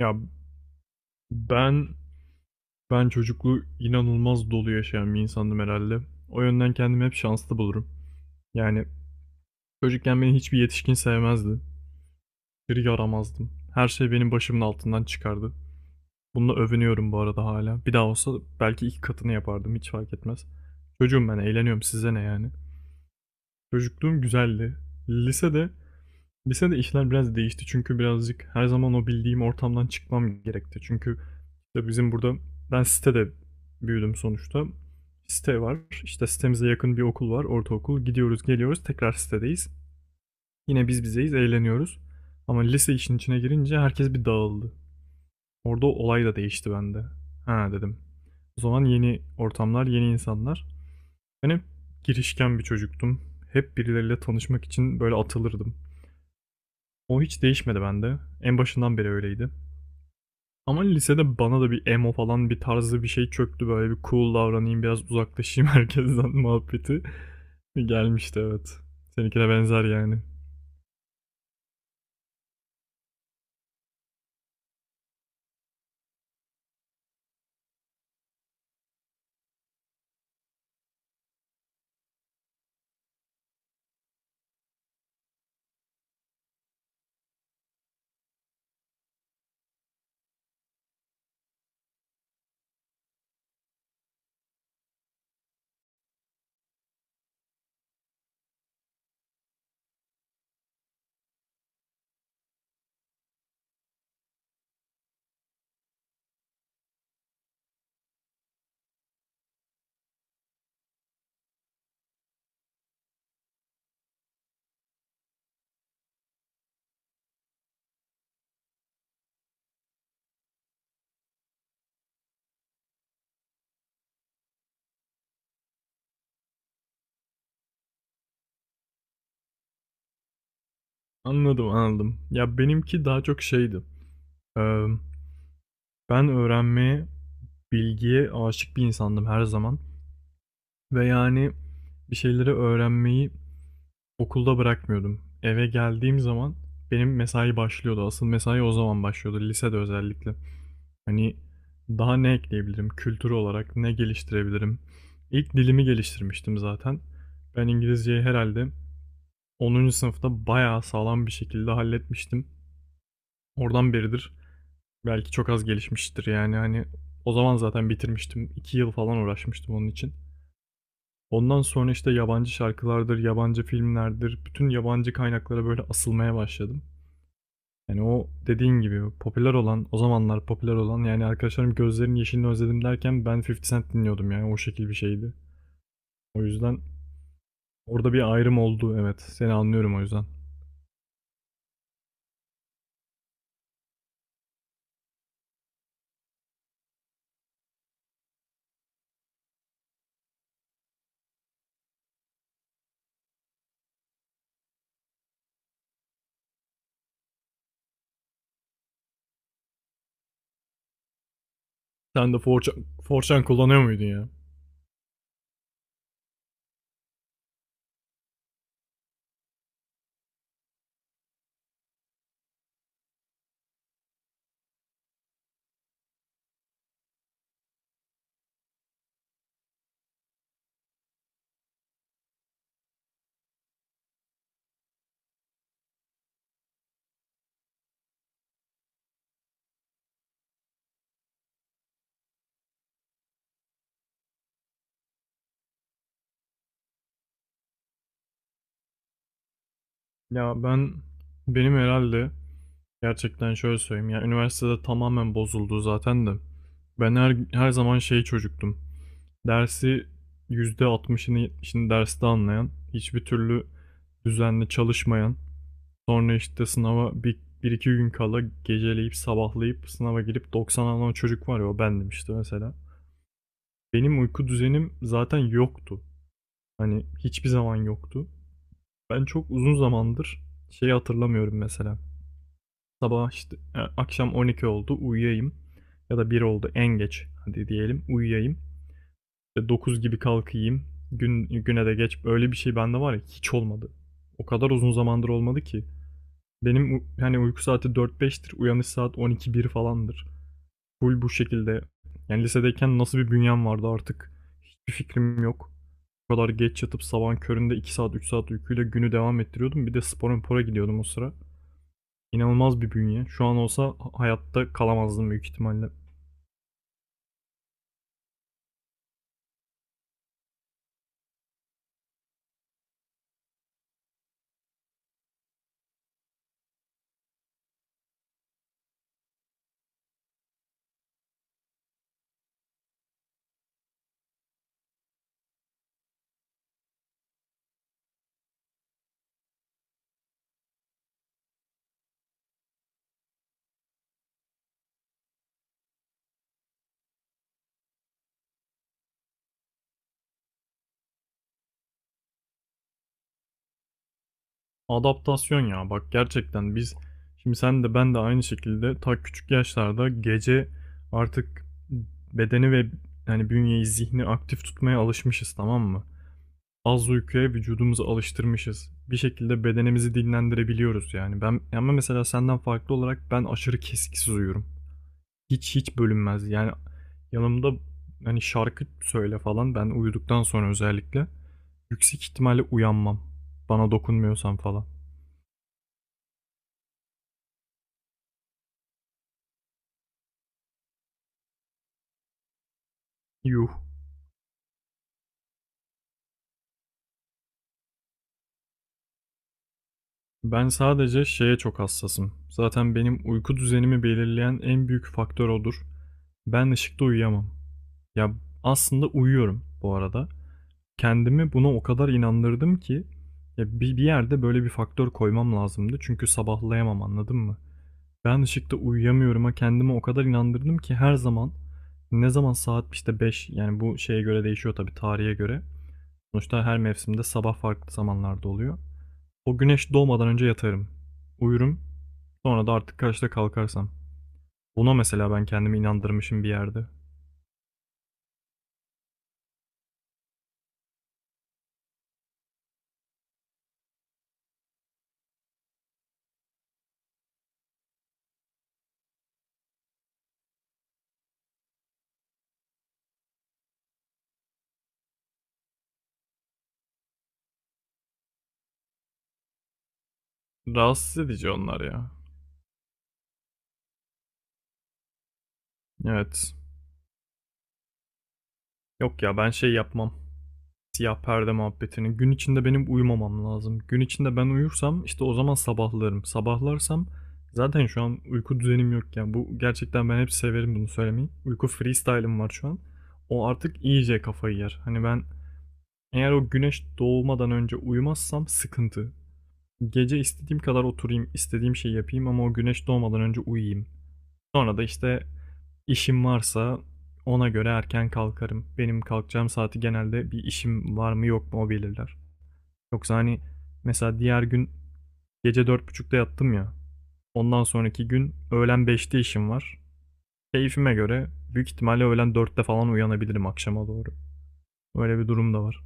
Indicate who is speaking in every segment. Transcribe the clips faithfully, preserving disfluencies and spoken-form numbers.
Speaker 1: Ya ben ben çocukluğu inanılmaz dolu yaşayan bir insandım herhalde. O yönden kendimi hep şanslı bulurum. Yani çocukken beni hiçbir yetişkin sevmezdi. Bir yaramazdım. Her şey benim başımın altından çıkardı. Bununla övünüyorum bu arada hala. Bir daha olsa belki iki katını yapardım, hiç fark etmez. Çocuğum ben, eğleniyorum, size ne yani. Çocukluğum güzeldi. Lisede Lisede işler biraz değişti çünkü birazcık her zaman o bildiğim ortamdan çıkmam gerekti. Çünkü işte bizim burada, ben sitede büyüdüm sonuçta. Site var. İşte sitemize yakın bir okul var, ortaokul. Gidiyoruz, geliyoruz, tekrar sitedeyiz. Yine biz bizeyiz, eğleniyoruz. Ama lise işin içine girince herkes bir dağıldı. Orada olay da değişti bende. Ha dedim. O zaman yeni ortamlar, yeni insanlar. Ben hep girişken bir çocuktum. Hep birileriyle tanışmak için böyle atılırdım. O hiç değişmedi bende. En başından beri öyleydi. Ama lisede bana da bir emo falan bir tarzı bir şey çöktü. Böyle bir cool davranayım, biraz uzaklaşayım herkesten muhabbeti. Gelmişti, evet. Seninkine benzer yani. Anladım, anladım. Ya benimki daha çok şeydi. Ee, ben öğrenmeye, bilgiye aşık bir insandım her zaman. Ve yani bir şeyleri öğrenmeyi okulda bırakmıyordum. Eve geldiğim zaman benim mesai başlıyordu. Asıl mesai o zaman başlıyordu. Lisede özellikle. Hani daha ne ekleyebilirim? Kültür olarak ne geliştirebilirim? İlk dilimi geliştirmiştim zaten. Ben İngilizceyi herhalde onuncu sınıfta bayağı sağlam bir şekilde halletmiştim. Oradan beridir belki çok az gelişmiştir yani hani o zaman zaten bitirmiştim. iki yıl falan uğraşmıştım onun için. Ondan sonra işte yabancı şarkılardır, yabancı filmlerdir, bütün yabancı kaynaklara böyle asılmaya başladım. Yani o dediğin gibi popüler olan, o zamanlar popüler olan, yani arkadaşlarım gözlerinin yeşilini özledim derken ben elli Cent dinliyordum, yani o şekil bir şeydi. O yüzden orada bir ayrım oldu, evet. Seni anlıyorum o yüzden. Sen de four kullanıyor muydun ya? Ya ben benim herhalde, gerçekten şöyle söyleyeyim. Ya üniversitede tamamen bozuldu zaten de. Ben her, her zaman şey çocuktum. Dersi yüzde altmışını yetmişini derste anlayan, hiçbir türlü düzenli çalışmayan, sonra işte sınava bir, bir iki gün kala geceleyip sabahlayıp sınava girip doksan alan çocuk var ya, o bendim işte mesela. Benim uyku düzenim zaten yoktu. Hani hiçbir zaman yoktu. Ben çok uzun zamandır şeyi hatırlamıyorum mesela. Sabah işte e, akşam on iki oldu uyuyayım. Ya da bir oldu en geç, hadi diyelim uyuyayım. İşte dokuz gibi kalkayım. Gün, güne de geç. Öyle bir şey bende var ya, hiç olmadı. O kadar uzun zamandır olmadı ki. Benim hani uyku saati dört beştir, uyanış saat on iki bir falandır. Full bu şekilde. Yani lisedeyken nasıl bir bünyem vardı artık hiçbir fikrim yok. O kadar geç yatıp sabahın köründe iki saat üç saat uykuyla günü devam ettiriyordum. Bir de spora mpora gidiyordum o sıra. İnanılmaz bir bünye. Şu an olsa hayatta kalamazdım büyük ihtimalle. Adaptasyon ya, bak gerçekten biz, şimdi sen de ben de aynı şekilde ta küçük yaşlarda gece artık bedeni ve yani bünyeyi, zihni aktif tutmaya alışmışız, tamam mı? Az uykuya vücudumuzu alıştırmışız. Bir şekilde bedenimizi dinlendirebiliyoruz yani. Ben ama mesela senden farklı olarak ben aşırı kesiksiz uyuyorum. Hiç hiç bölünmez. Yani yanımda hani şarkı söyle falan, ben uyuduktan sonra özellikle yüksek ihtimalle uyanmam. Bana dokunmuyorsan falan. Yuh. Ben sadece şeye çok hassasım. Zaten benim uyku düzenimi belirleyen en büyük faktör odur. Ben ışıkta uyuyamam. Ya, aslında uyuyorum bu arada. Kendimi buna o kadar inandırdım ki ya bi bir yerde böyle bir faktör koymam lazımdı. Çünkü sabahlayamam, anladın mı? Ben ışıkta uyuyamıyorum'a kendimi o kadar inandırdım ki her zaman, ne zaman saat, işte, beş, yani bu şeye göre değişiyor tabii, tarihe göre. Sonuçta her mevsimde sabah farklı zamanlarda oluyor. O güneş doğmadan önce yatarım. Uyurum. Sonra da artık kaçta kalkarsam. Buna mesela ben kendimi inandırmışım bir yerde. Rahatsız edici onlar ya. Evet. Yok ya, ben şey yapmam, siyah perde muhabbetini. Gün içinde benim uyumamam lazım. Gün içinde ben uyursam işte o zaman sabahlarım. Sabahlarsam zaten şu an uyku düzenim yok yani. Bu gerçekten, ben hep severim bunu söylemeyi, uyku freestyle'ım var şu an. O artık iyice kafayı yer. Hani ben eğer o güneş doğmadan önce uyumazsam sıkıntı. Gece istediğim kadar oturayım, istediğim şeyi yapayım ama o güneş doğmadan önce uyuyayım. Sonra da işte, işim varsa ona göre erken kalkarım. Benim kalkacağım saati genelde bir işim var mı yok mu, o belirler. Yoksa hani, mesela diğer gün gece dört buçukta yattım ya. Ondan sonraki gün öğlen beşte işim var. Keyfime göre büyük ihtimalle öğlen dörtte falan uyanabilirim, akşama doğru. Öyle bir durum da var.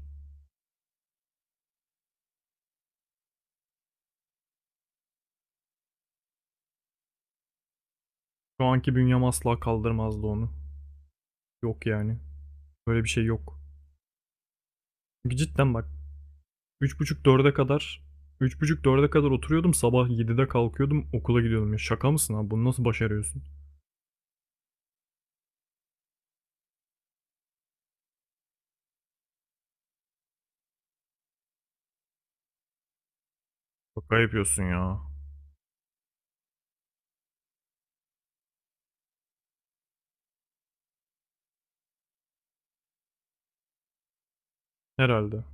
Speaker 1: Şu anki bünyem asla kaldırmazdı onu. Yok yani. Böyle bir şey yok. Çünkü cidden bak, üç buçuk dörde kadar üç buçuk dörde kadar oturuyordum, sabah yedide kalkıyordum, okula gidiyordum ya. Şaka mısın abi, bunu nasıl başarıyorsun? Şaka yapıyorsun ya. Herhalde.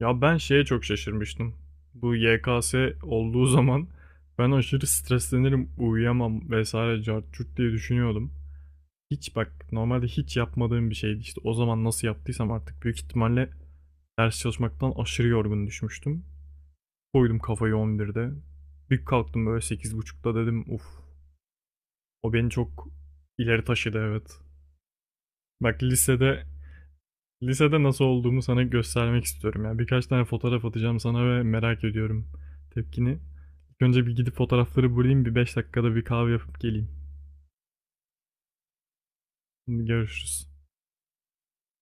Speaker 1: Ya ben şeye çok şaşırmıştım. Bu Y K S olduğu zaman ben aşırı streslenirim, uyuyamam vesaire cart curt diye düşünüyordum. Hiç, bak normalde hiç yapmadığım bir şeydi işte, o zaman nasıl yaptıysam artık, büyük ihtimalle ders çalışmaktan aşırı yorgun düşmüştüm. Koydum kafayı on birde. Bir kalktım böyle sekiz buçukta, dedim uf, o beni çok ileri taşıdı, evet. Bak lisede Lisede nasıl olduğumu sana göstermek istiyorum. Yani birkaç tane fotoğraf atacağım sana ve merak ediyorum tepkini. İlk önce bir gidip fotoğrafları bulayım. Bir beş dakikada bir kahve yapıp geleyim. Şimdi görüşürüz.